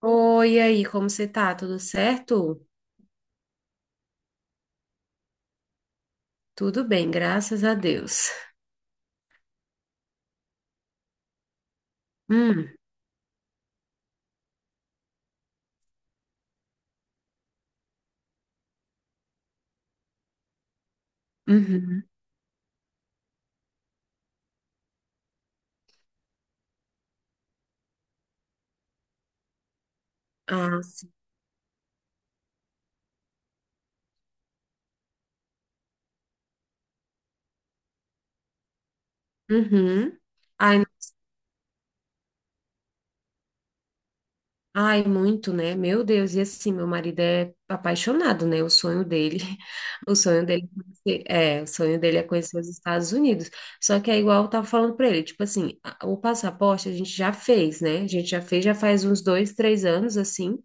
Oi, e aí, como você tá? Tudo certo? Tudo bem, graças a Deus. Hum, uhum. Ah, sim. Uhum. Ai, ai, muito, né? Meu Deus, e assim, meu marido é apaixonado, né? O sonho dele o sonho dele é conhecer os Estados Unidos. Só que é igual eu tava falando pra ele, tipo assim, o passaporte a gente já fez, né? A gente já fez, já faz uns 2, 3 anos, assim.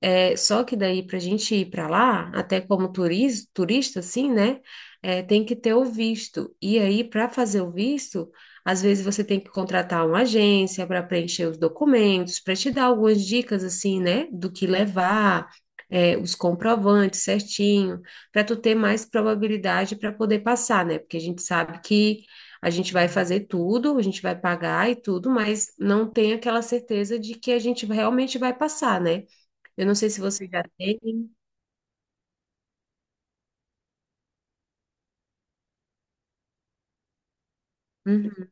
É, só que daí, para a gente ir para lá, até como turista, assim, né? É, tem que ter o visto. E aí, para fazer o visto, às vezes você tem que contratar uma agência para preencher os documentos, para te dar algumas dicas, assim, né? Do que levar, é, os comprovantes certinho, para tu ter mais probabilidade para poder passar, né? Porque a gente sabe que a gente vai fazer tudo, a gente vai pagar e tudo, mas não tem aquela certeza de que a gente realmente vai passar, né? Eu não sei se você já tem. Uhum.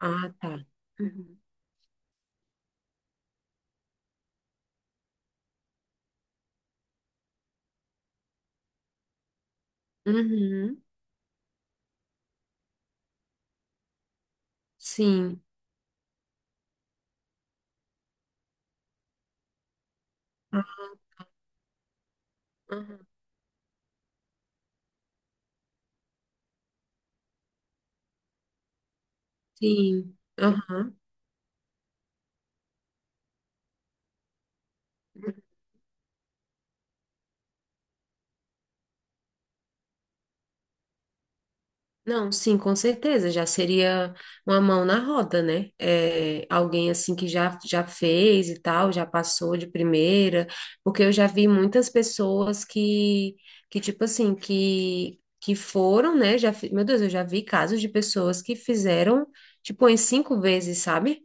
Ah, tá. Uhum. Uhum. Sim. Ah, aham. Sim. Aham. Não, sim, com certeza. Já seria uma mão na roda, né? É, alguém assim que já fez e tal, já passou de primeira, porque eu já vi muitas pessoas que, que tipo assim, que foram, né? Meu Deus, eu já vi casos de pessoas que fizeram, tipo, em cinco vezes, sabe?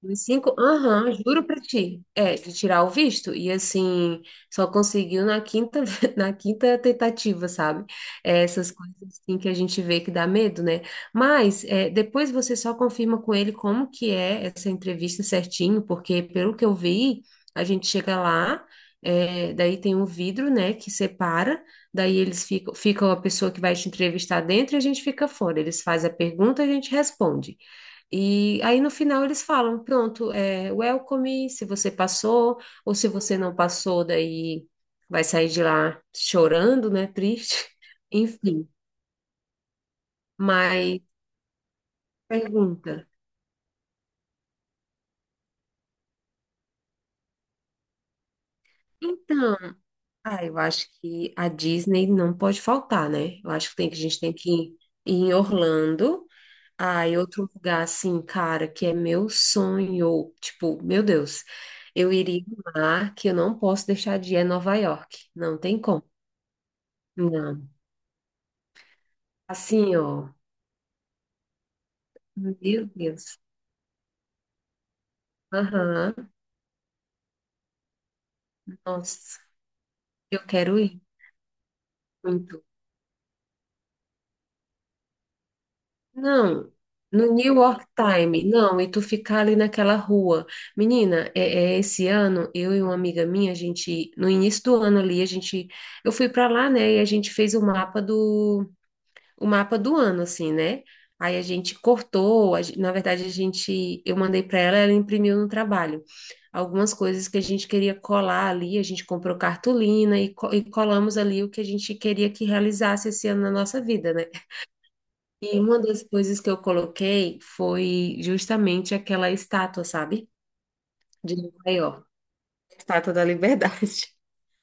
Uns cinco, aham, juro pra ti. É, de tirar o visto. E assim, só conseguiu na quinta tentativa, sabe? É, essas coisas assim que a gente vê que dá medo, né? Mas é, depois você só confirma com ele como que é essa entrevista certinho, porque pelo que eu vi, a gente chega lá, é, daí tem um vidro, né, que separa, daí fica a pessoa que vai te entrevistar dentro e a gente fica fora. Eles fazem a pergunta, a gente responde. E aí no final eles falam, pronto, é welcome, se você passou, ou se você não passou, daí vai sair de lá chorando, né? Triste. Enfim, mas pergunta. Então, ah, eu acho que a Disney não pode faltar, né? Eu acho que tem que a gente tem que ir em Orlando. Ah, e outro lugar assim, cara, que é meu sonho, tipo, meu Deus, eu iria lá, que eu não posso deixar de ir é Nova York. Não tem como. Não. Assim, ó. Meu Deus. Aham. Nossa, eu quero ir muito. Não, no New York Time, não, e tu ficar ali naquela rua. Menina, é esse ano, eu e uma amiga minha, a gente, no início do ano ali, eu fui pra lá, né, e a gente fez o mapa do ano, assim, né? Aí a gente cortou, na verdade, eu mandei para ela, ela imprimiu no trabalho. Algumas coisas que a gente queria colar ali, a gente comprou cartolina e colamos ali o que a gente queria que realizasse esse ano na nossa vida, né? E uma das coisas que eu coloquei foi justamente aquela estátua, sabe? De Nova York, a Estátua da Liberdade.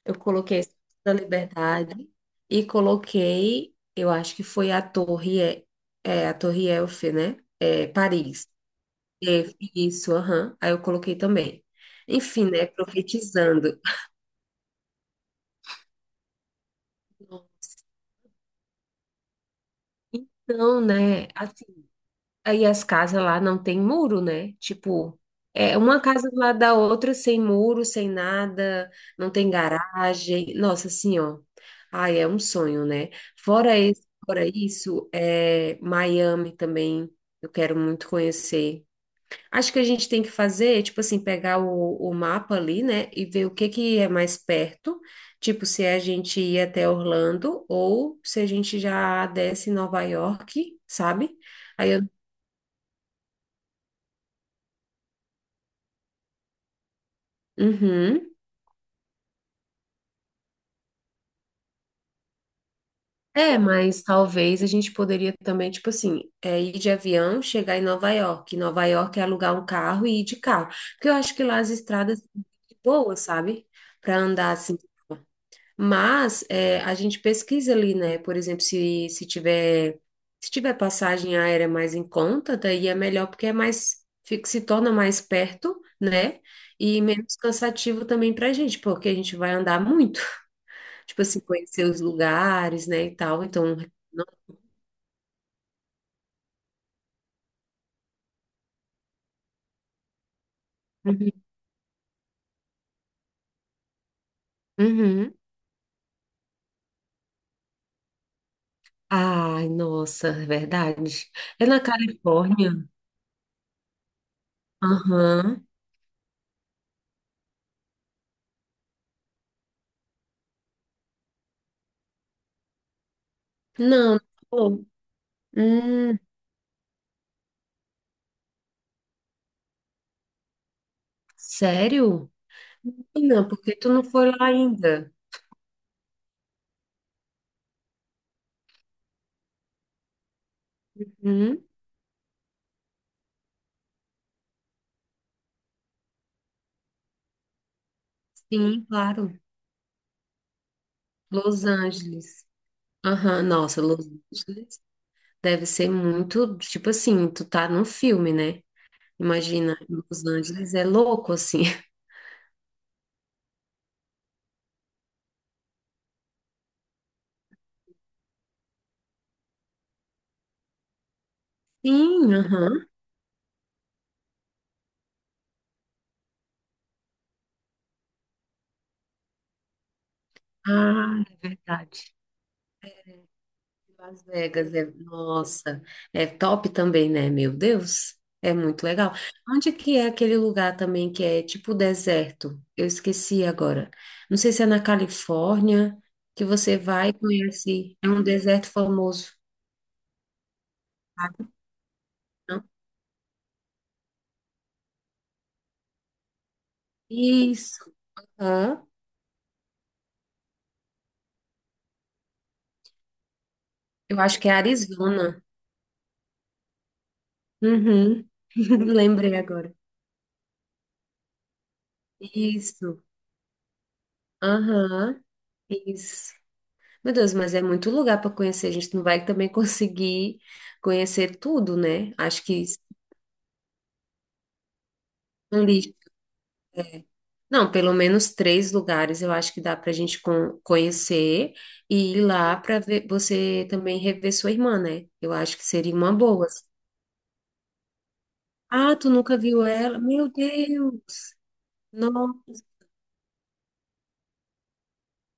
Eu coloquei a Estátua da Liberdade e coloquei, eu acho que foi a Torre Eiffel, né? É, Paris. É, isso, aham. Aí eu coloquei também. Enfim, né? Profetizando. Então, né? Aí as casas lá não tem muro, né? Tipo, é uma casa do lado da outra, sem muro, sem nada, não tem garagem. Nossa, assim, ó. Ai, é um sonho, né? Fora esse, fora isso, é Miami também. Eu quero muito conhecer. Acho que a gente tem que fazer, tipo assim, pegar o mapa ali, né? E ver o que que é mais perto. Tipo, se a gente ir até Orlando ou se a gente já desce em Nova York, sabe? Aí eu Uhum. É, mas talvez a gente poderia também, tipo assim, é, ir de avião, chegar em Nova York. Nova York é alugar um carro e ir de carro. Porque eu acho que lá as estradas são boas, sabe? Para andar assim. Mas é, a gente pesquisa ali, né? Por exemplo, se tiver passagem aérea mais em conta, daí é melhor porque se torna mais perto, né? E menos cansativo também para a gente, porque a gente vai andar muito. Tipo assim, conhecer os lugares, né, e tal. Então, não- Uhum. Uhum. Ai, nossa, é verdade. É na Califórnia? Aham. Não, não. Hum, sério? Não, porque tu não foi lá ainda. Uhum. Sim, claro. Los Angeles. Aham, nossa, Los Angeles deve ser muito, tipo assim, tu tá num filme, né? Imagina, Los Angeles é louco assim. Sim, aham. Ah, é verdade. Las Vegas, é, nossa, é top também, né? Meu Deus, é muito legal. Onde que é aquele lugar também que é tipo deserto? Eu esqueci agora. Não sei se é na Califórnia que você vai e conhece. É um deserto famoso. Ah, não. Isso. Hã? Eu acho que é Arizona. Uhum. Lembrei agora. Isso. Aham. Isso. Meu Deus, mas é muito lugar para conhecer. A gente não vai também conseguir conhecer tudo, né? Acho que ali, não, pelo menos três lugares eu acho que dá para a gente conhecer e ir lá para ver você também rever sua irmã, né? Eu acho que seria uma boa, assim. Ah, tu nunca viu ela? Meu Deus! Nossa!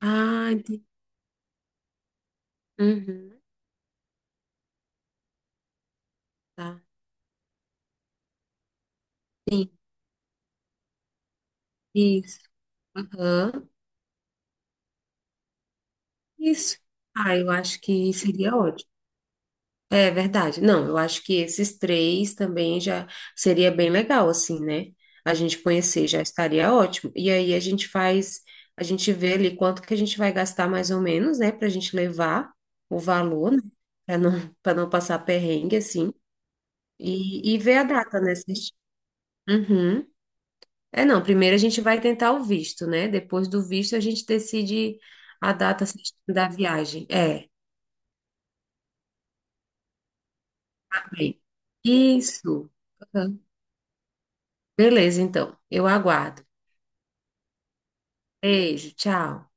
Ah, entendi. Uhum, tá. Sim, isso. Aham. Isso. Ah, eu acho que seria ótimo. É verdade. Não, eu acho que esses três também já seria bem legal, assim, né? A gente conhecer já estaria ótimo. E aí a gente faz, a gente vê ali quanto que a gente vai gastar mais ou menos, né? Pra gente levar o valor, né? Pra não, pra não passar perrengue, assim. E ver a data, né? Uhum. É, não, primeiro a gente vai tentar o visto, né? Depois do visto a gente decide a data certinha da viagem. É, tá bem. Isso. Beleza, então. Eu aguardo. Beijo, tchau.